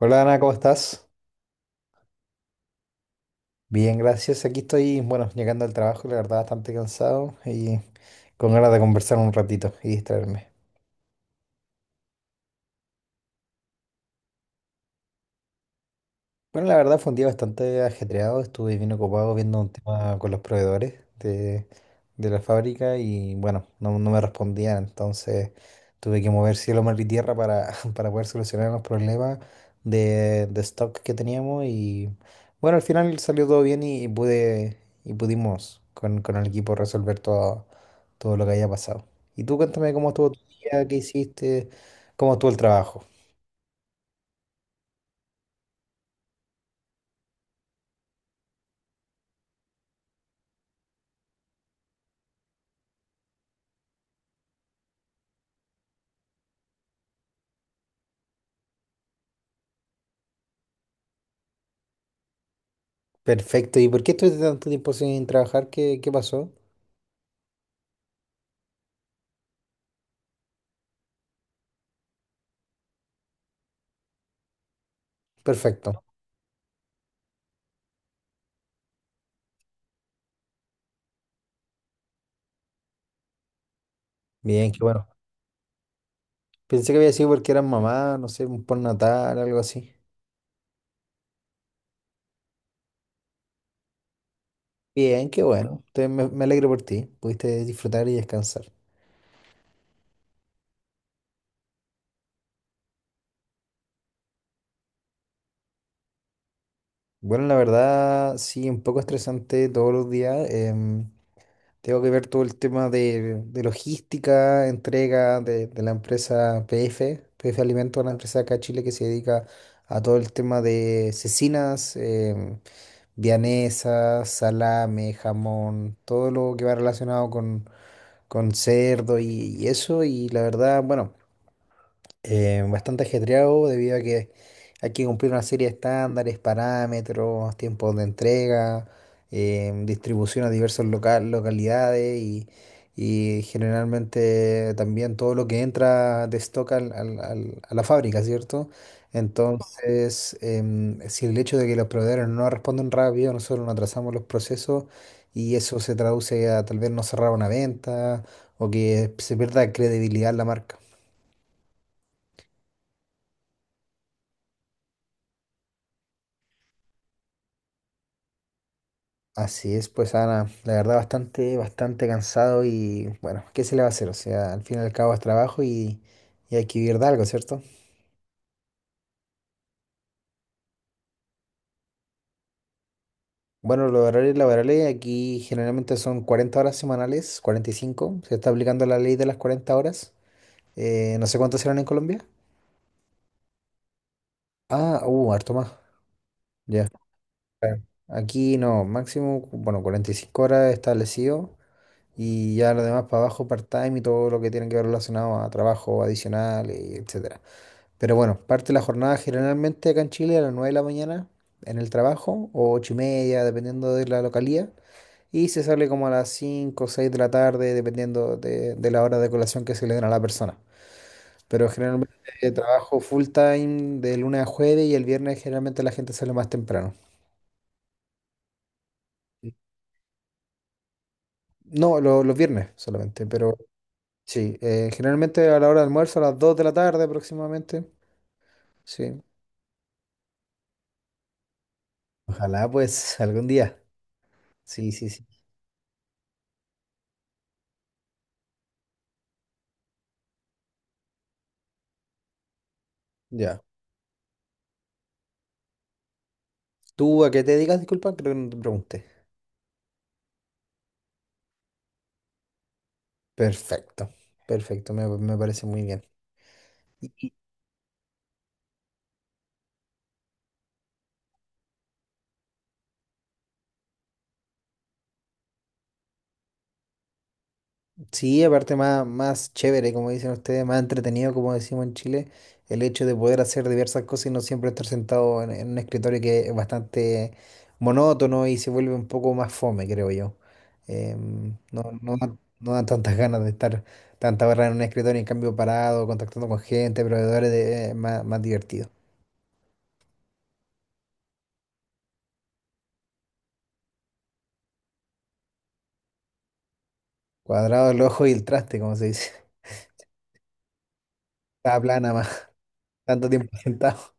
Hola, Ana, ¿cómo estás? Bien, gracias. Aquí estoy, bueno, llegando al trabajo, la verdad, bastante cansado y con ganas de conversar un ratito y distraerme. Bueno, la verdad fue un día bastante ajetreado, estuve bien ocupado viendo un tema con los proveedores de, de la fábrica y bueno, no me respondían, entonces tuve que mover cielo, mar y tierra para, para poder solucionar los problemas de stock que teníamos y bueno, al final salió todo bien y pude y pudimos con el equipo resolver todo lo que había pasado. Y tú cuéntame cómo estuvo tu día, qué hiciste, cómo estuvo el trabajo. Perfecto. ¿Y por qué estuviste tanto tiempo sin trabajar? ¿ qué pasó? Perfecto. Bien, qué bueno. Pensé que había sido porque eras mamá, no sé, un postnatal, algo así. Bien, qué bueno. Me, me alegro por ti. Pudiste disfrutar y descansar. Bueno, la verdad, sí, un poco estresante todos los días. Tengo que ver todo el tema de logística, entrega de la empresa PF, PF Alimentos, una empresa acá en Chile que se dedica a todo el tema de cecinas. Vianesa, salame, jamón, todo lo que va relacionado con cerdo y eso. Y la verdad, bueno, bastante ajetreado debido a que hay que cumplir una serie de estándares, parámetros, tiempos de entrega, distribución a diversas localidades y generalmente también todo lo que entra de stock a la fábrica, ¿cierto? Entonces, si el hecho de que los proveedores no responden rápido, nosotros nos atrasamos los procesos y eso se traduce a tal vez no cerrar una venta o que se pierda credibilidad en la marca. Así es, pues, Ana, la verdad bastante, bastante cansado y bueno, ¿qué se le va a hacer? O sea, al fin y al cabo es trabajo y hay que vivir de algo, ¿cierto? Bueno, los horarios laborales aquí generalmente son 40 horas semanales, 45, se está aplicando la ley de las 40 horas. No sé cuántas serán en Colombia. Ah, harto más, ya. Claro. Aquí no, máximo, bueno, 45 horas establecido y ya lo demás para abajo, part-time y todo lo que tiene que ver relacionado a trabajo adicional, y etcétera. Pero bueno, parte la jornada generalmente acá en Chile a las 9 de la mañana en el trabajo, o 8:30, dependiendo de la localía, y se sale como a las 5 o 6 de la tarde, dependiendo de la hora de colación que se le den a la persona. Pero generalmente trabajo full time de lunes a jueves y el viernes generalmente la gente sale más temprano. No, los viernes solamente, pero sí, generalmente a la hora de almuerzo, a las 2 de la tarde aproximadamente. Sí, ojalá pues algún día. Sí, sí, sí. Ya. ¿Tú a qué te dedicas? Disculpa, creo que no te pregunté. Perfecto, perfecto, me parece muy bien. Y- y sí, aparte más, más chévere, como dicen ustedes, más entretenido, como decimos en Chile, el hecho de poder hacer diversas cosas y no siempre estar sentado en un escritorio que es bastante monótono y se vuelve un poco más fome, creo yo. No, no dan tantas ganas de estar tantas horas en un escritorio, en cambio parado, contactando con gente, proveedores, de, es más, más divertido. Cuadrado el ojo y el traste, como se dice. Está plana más. Tanto tiempo sentado.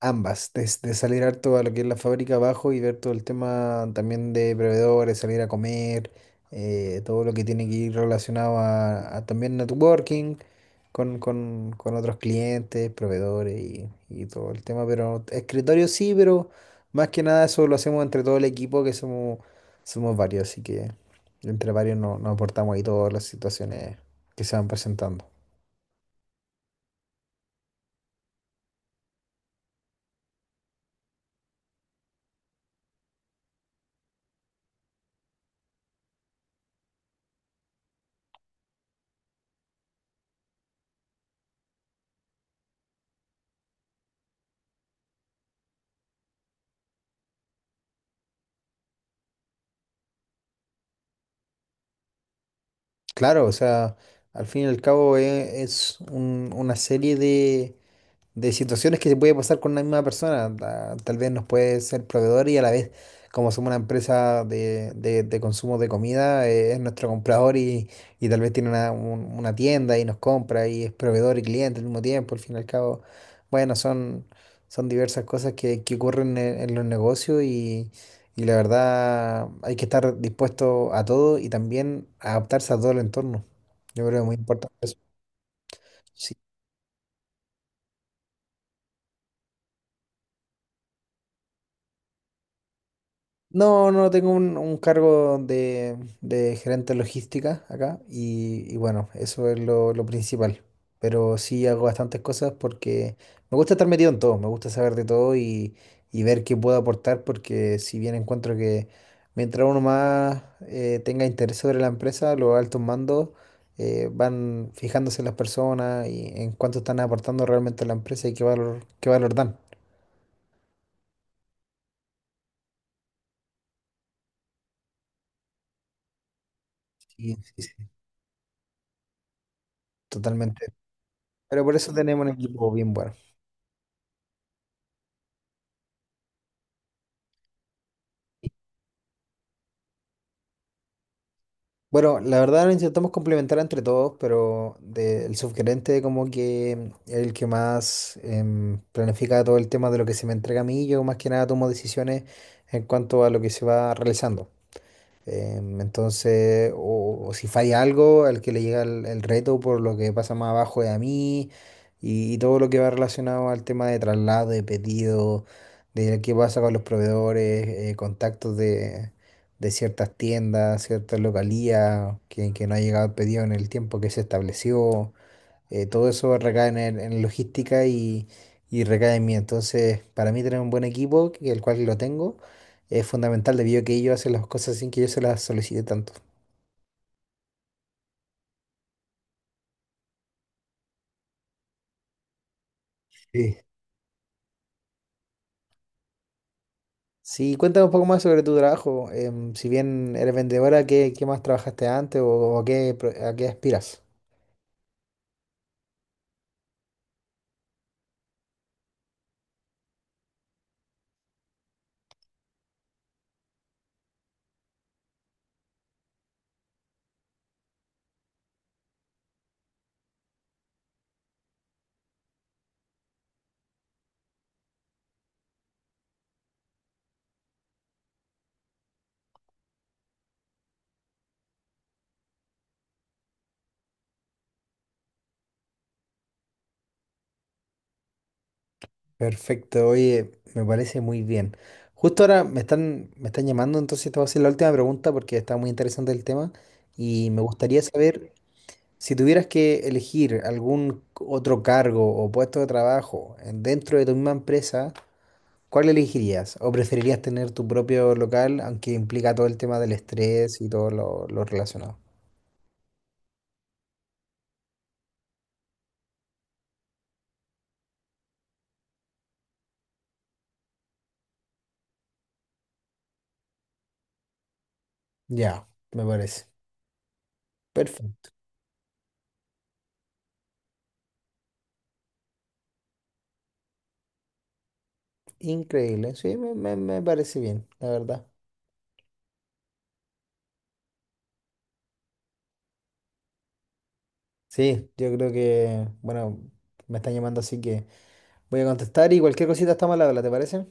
Ambas, desde salir harto a lo que es la fábrica abajo y ver todo el tema también de proveedores, salir a comer, todo lo que tiene que ir relacionado a también networking con con otros clientes, proveedores y todo el tema. Pero escritorio sí, pero más que nada eso lo hacemos entre todo el equipo, que somos, somos varios, así que entre varios nos aportamos ahí todas las situaciones que se van presentando. Claro, o sea, al fin y al cabo es, una serie de situaciones que se puede pasar con una misma persona. Tal vez nos puede ser proveedor y a la vez, como somos una empresa de consumo de comida, es nuestro comprador y tal vez tiene una, una tienda y nos compra y es proveedor y cliente al mismo tiempo. Al fin y al cabo, bueno, son, son diversas cosas que ocurren en los negocios y la verdad hay que estar dispuesto a todo y también adaptarse a todo el entorno. Yo creo que es muy importante eso. Sí. No, no, tengo un cargo de gerente de logística acá y bueno, eso es lo principal. Pero sí hago bastantes cosas porque me gusta estar metido en todo, me gusta saber de todo y ver qué puedo aportar porque si bien encuentro que mientras uno más tenga interés sobre la empresa, los altos mandos van fijándose en las personas y en cuánto están aportando realmente a la empresa y qué valor dan. Sí, sí, sí, totalmente. Pero por eso tenemos un equipo bien bueno. Bueno, la verdad lo intentamos complementar entre todos, pero el subgerente como que es el que más planifica todo el tema de lo que se me entrega a mí, yo más que nada tomo decisiones en cuanto a lo que se va realizando. Entonces, o si falla algo, al que le llega el reto por lo que pasa más abajo de a mí y todo lo que va relacionado al tema de traslado, de pedido, de qué pasa con los proveedores, contactos de ciertas tiendas, ciertas localías, que no ha llegado el pedido en el tiempo que se estableció. Todo eso recae en, en logística y recae en mí. Entonces, para mí tener un buen equipo, el cual lo tengo, es fundamental debido a que ellos hacen las cosas sin que yo se las solicite tanto. Sí. Sí, cuéntame un poco más sobre tu trabajo. Si bien eres vendedora, ¿ qué más trabajaste antes o, a qué, a qué aspiras? Perfecto, oye, me parece muy bien. Justo ahora me están llamando, entonces te voy a hacer la última pregunta porque está muy interesante el tema y me gustaría saber. Si tuvieras que elegir algún otro cargo o puesto de trabajo dentro de tu misma empresa, ¿cuál elegirías? ¿O preferirías tener tu propio local, aunque implica todo el tema del estrés y todo lo relacionado? Ya, me parece. Perfecto. Increíble. Sí, me, me parece bien, la verdad. Sí, yo creo que, bueno, me están llamando, así que voy a contestar y cualquier cosita estamos al habla, ¿te parece?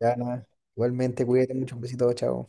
Ya, nada. Igualmente, cuídate mucho, un besito, chao.